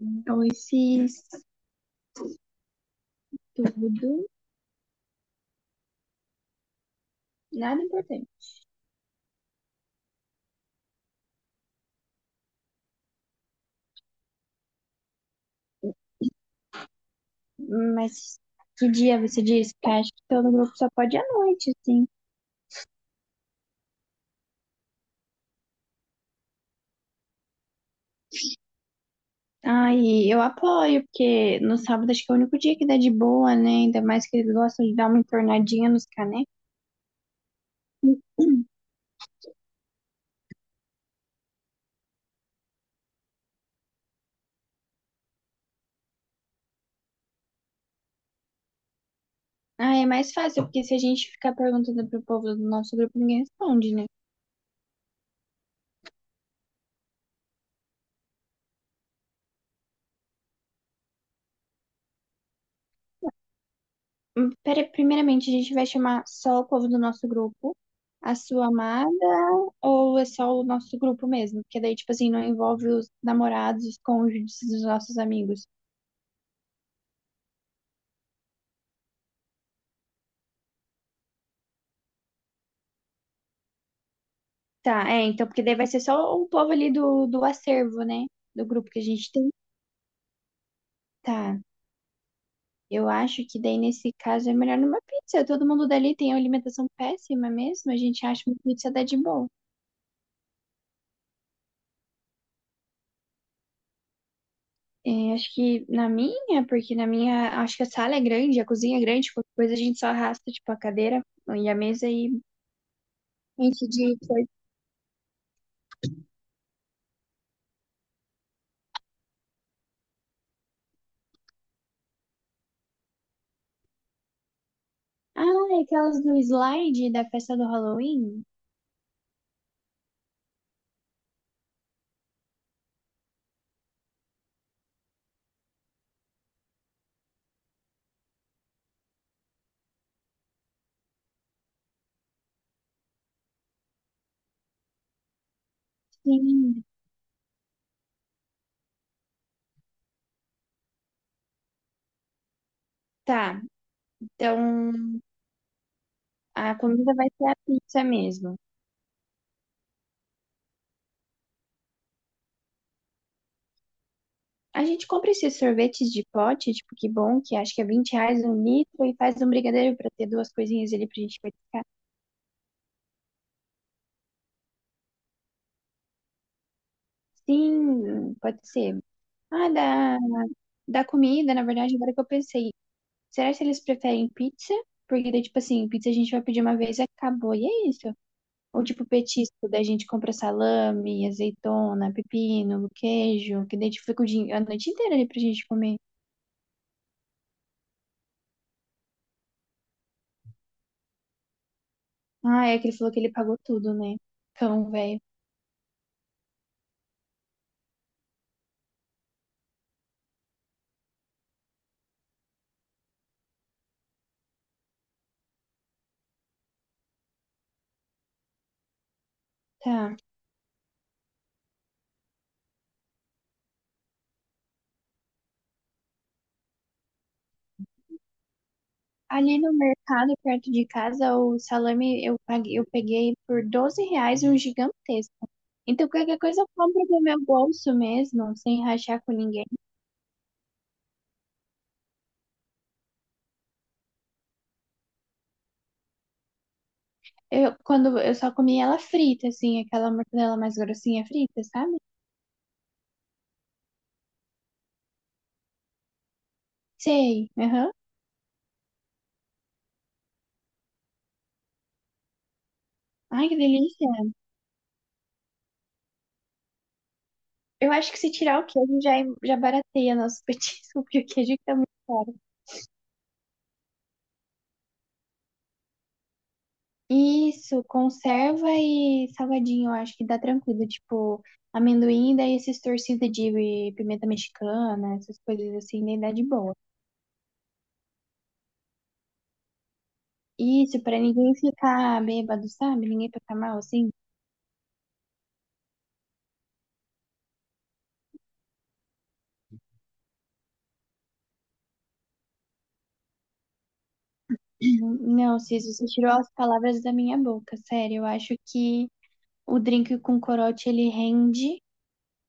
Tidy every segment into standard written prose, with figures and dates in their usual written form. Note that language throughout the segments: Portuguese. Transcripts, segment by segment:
Então, esse estudo, nada importante. Mas que dia você disse? Porque acho que todo grupo só pode à noite, assim. Ai, eu apoio, porque no sábado acho que é o único dia que dá de boa, né? Ainda mais que eles gostam de dar uma entornadinha nos canecos. Ah, é mais fácil, porque se a gente ficar perguntando pro povo do nosso grupo, ninguém responde, né? Primeiramente, a gente vai chamar só o povo do nosso grupo, a sua amada, ou é só o nosso grupo mesmo? Porque daí, tipo assim, não envolve os namorados, os cônjuges dos nossos amigos. Tá, é, então, porque daí vai ser só o povo ali do acervo, né? Do grupo que a gente tem. Tá, eu acho que daí, nesse caso, é melhor numa pizza. Todo mundo dali tem uma alimentação péssima mesmo, a gente acha uma pizza dá de boa. É, acho que na minha, porque na minha, acho que a sala é grande, a cozinha é grande, qualquer coisa a gente só arrasta, tipo, a cadeira e a mesa e enche de coisa. Ah, é aquelas do slide da festa do Halloween? Sim. Tá, então a comida vai ser a pizza mesmo. A gente compra esses sorvetes de pote, tipo, que bom, que acho que é R$ 20 um litro e faz um brigadeiro pra ter duas coisinhas ali pra gente... Sim, pode ser. Ah, da comida, na verdade, agora que eu pensei. Será que eles preferem pizza? Porque daí, tipo assim, pizza a gente vai pedir uma vez e acabou, e é isso. Ou tipo petisco, daí a gente compra salame, azeitona, pepino, queijo, que daí a gente fica o dia- a noite inteira ali pra gente comer. Ah, é que ele falou que ele pagou tudo, né? Cão, velho. Tá. Ali no mercado, perto de casa, o salame eu paguei, eu peguei por R$ 12 um gigantesco. Então qualquer coisa eu compro do meu bolso mesmo, sem rachar com ninguém. Eu, quando eu só comia ela frita, assim, aquela mortadela mais grossinha frita, sabe? Sei. Aham. Ai, que delícia. Eu acho que se tirar o queijo já, é, já barateia nosso petisco, porque o queijo tá muito caro. Isso, conserva e salgadinho, eu acho que dá tranquilo. Tipo, amendoim, daí esses torcidos de pimenta mexicana, essas coisas assim, daí dá de boa. Isso, pra ninguém ficar bêbado, sabe? Ninguém passar mal, assim. Não, Cis, você tirou as palavras da minha boca, sério. Eu acho que o drink com corote ele rende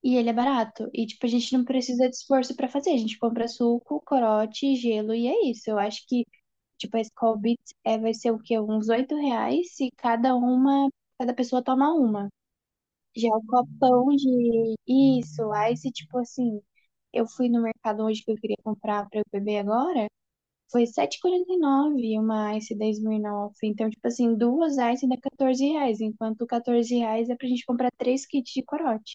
e ele é barato. E, tipo, a gente não precisa de esforço pra fazer. A gente compra suco, corote, gelo e é isso. Eu acho que, tipo, a Skol Beats é, vai ser o quê? Uns R$ 8 se cada uma, cada pessoa toma uma. Já é o copão de isso, aí se, tipo, assim, eu fui no mercado hoje que eu queria comprar pra eu beber agora. Foi 7,49 uma Ice 10.000 nove. Então, tipo assim, duas Ice dá R$ 14, enquanto R$ 14 é pra gente comprar três kits de corote.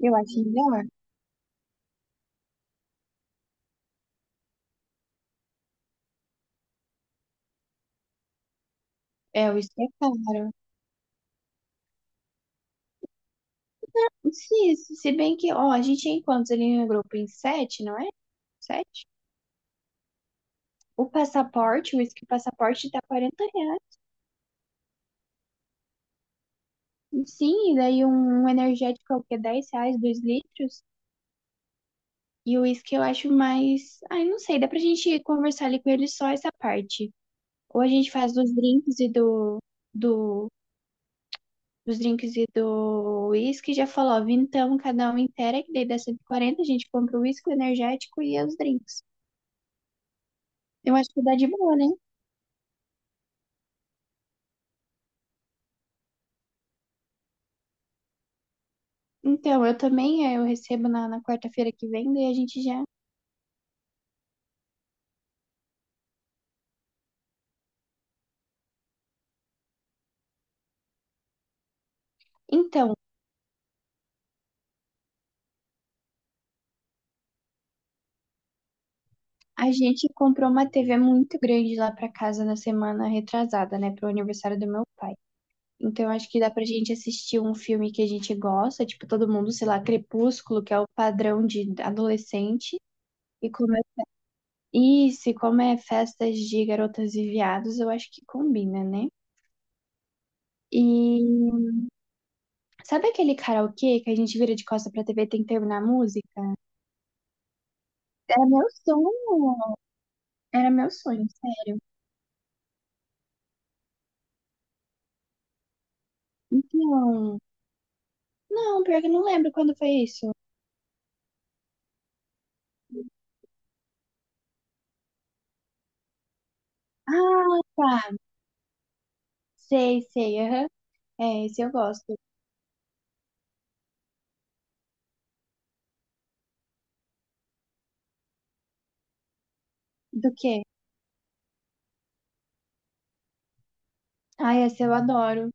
Eu acho melhor. É, isso é caro. Sim, se bem que, ó, a gente é em quantos ali no grupo? Em sete, não é? Sete? O passaporte, o uísque passaporte tá R$ 40. Sim, e daí um energético é o quê? R$ 10, 2 litros. E o uísque eu acho mais. Ai, não sei, dá pra gente conversar ali com ele só essa parte. Ou a gente faz do, dos drinks e do uísque, já falou, ó, vintão cada um inteira, que daí dá 140 a gente compra o uísque, o energético e os drinks. Eu acho que dá de boa, né? Então, eu também, eu recebo na quarta-feira que vem, daí a gente já... Então, a gente comprou uma TV muito grande lá pra casa na semana retrasada, né? Pro aniversário do meu pai. Então, acho que dá pra gente assistir um filme que a gente gosta, tipo, todo mundo, sei lá, Crepúsculo, que é o padrão de adolescente, e comer. Isso, e como é festas de garotas e viados, eu acho que combina, né? E sabe aquele karaokê que a gente vira de costa pra TV e tem que terminar a música? Era meu sonho, era meu sonho, sério. Então, não, pior que eu não lembro quando foi isso. Ah, tá, sei, sei, aham. É, esse eu gosto. Do quê? Ai, esse eu adoro.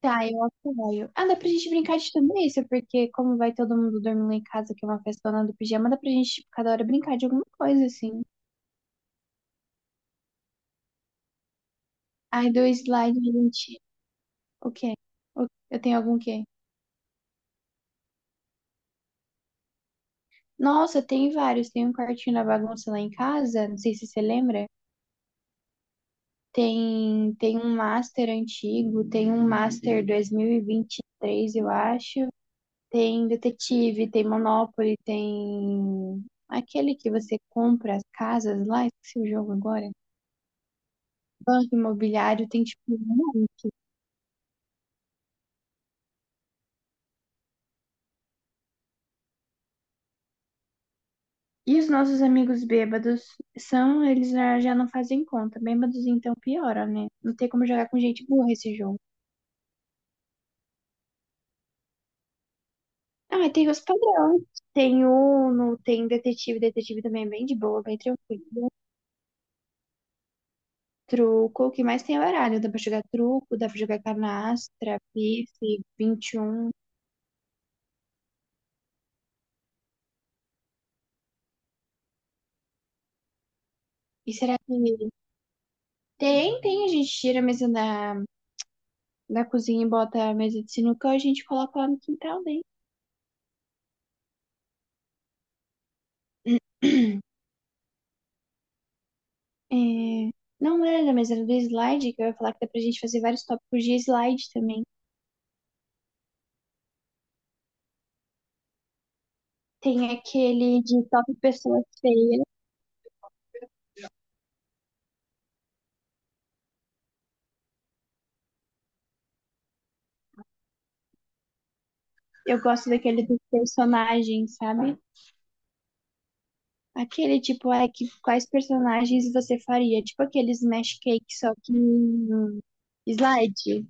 Tá, eu apoio. Ah, dá pra gente brincar de tudo isso, porque como vai todo mundo dormir lá em casa, que é uma festona do pijama, dá pra gente, tipo, cada hora brincar de alguma coisa, assim. Ai, do slide, a gente. O quê? Eu tenho algum quê? Nossa, tem vários. Tem um quartinho da bagunça lá em casa, não sei se você lembra. Tem um master antigo, tem um master dois mil e vinte e três eu acho. Tem detetive, tem Monopoly, tem aquele que você compra as casas lá, esqueci o jogo agora. Banco imobiliário tem tipo um. E os nossos amigos bêbados são, eles já já não fazem conta. Bêbados então piora, né? Não tem como jogar com gente burra esse jogo. Ah, e tem os padrões. Tem Uno, tem detetive, detetive também é bem de boa, bem tranquilo. Truco, o que mais tem é baralho. Dá pra jogar truco, dá pra jogar canastra, pife, 21. E um. E será que tem, a gente tira a mesa da cozinha e bota a mesa de sinuca e a gente coloca lá no quintal, né? É, não era, mas era do slide, que eu ia falar que dá pra gente fazer vários tópicos de slide também. Tem aquele de top pessoas feias. Eu gosto daquele dos personagens, sabe? Aquele tipo, é que quais personagens você faria? Tipo aqueles smash cake, só que em slide.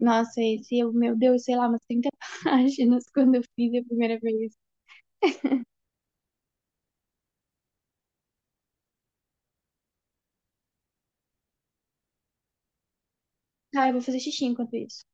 Nossa, esse, eu, meu Deus, sei lá, umas 30 páginas quando eu fiz a primeira vez. Ah, eu vou fazer xixi enquanto isso.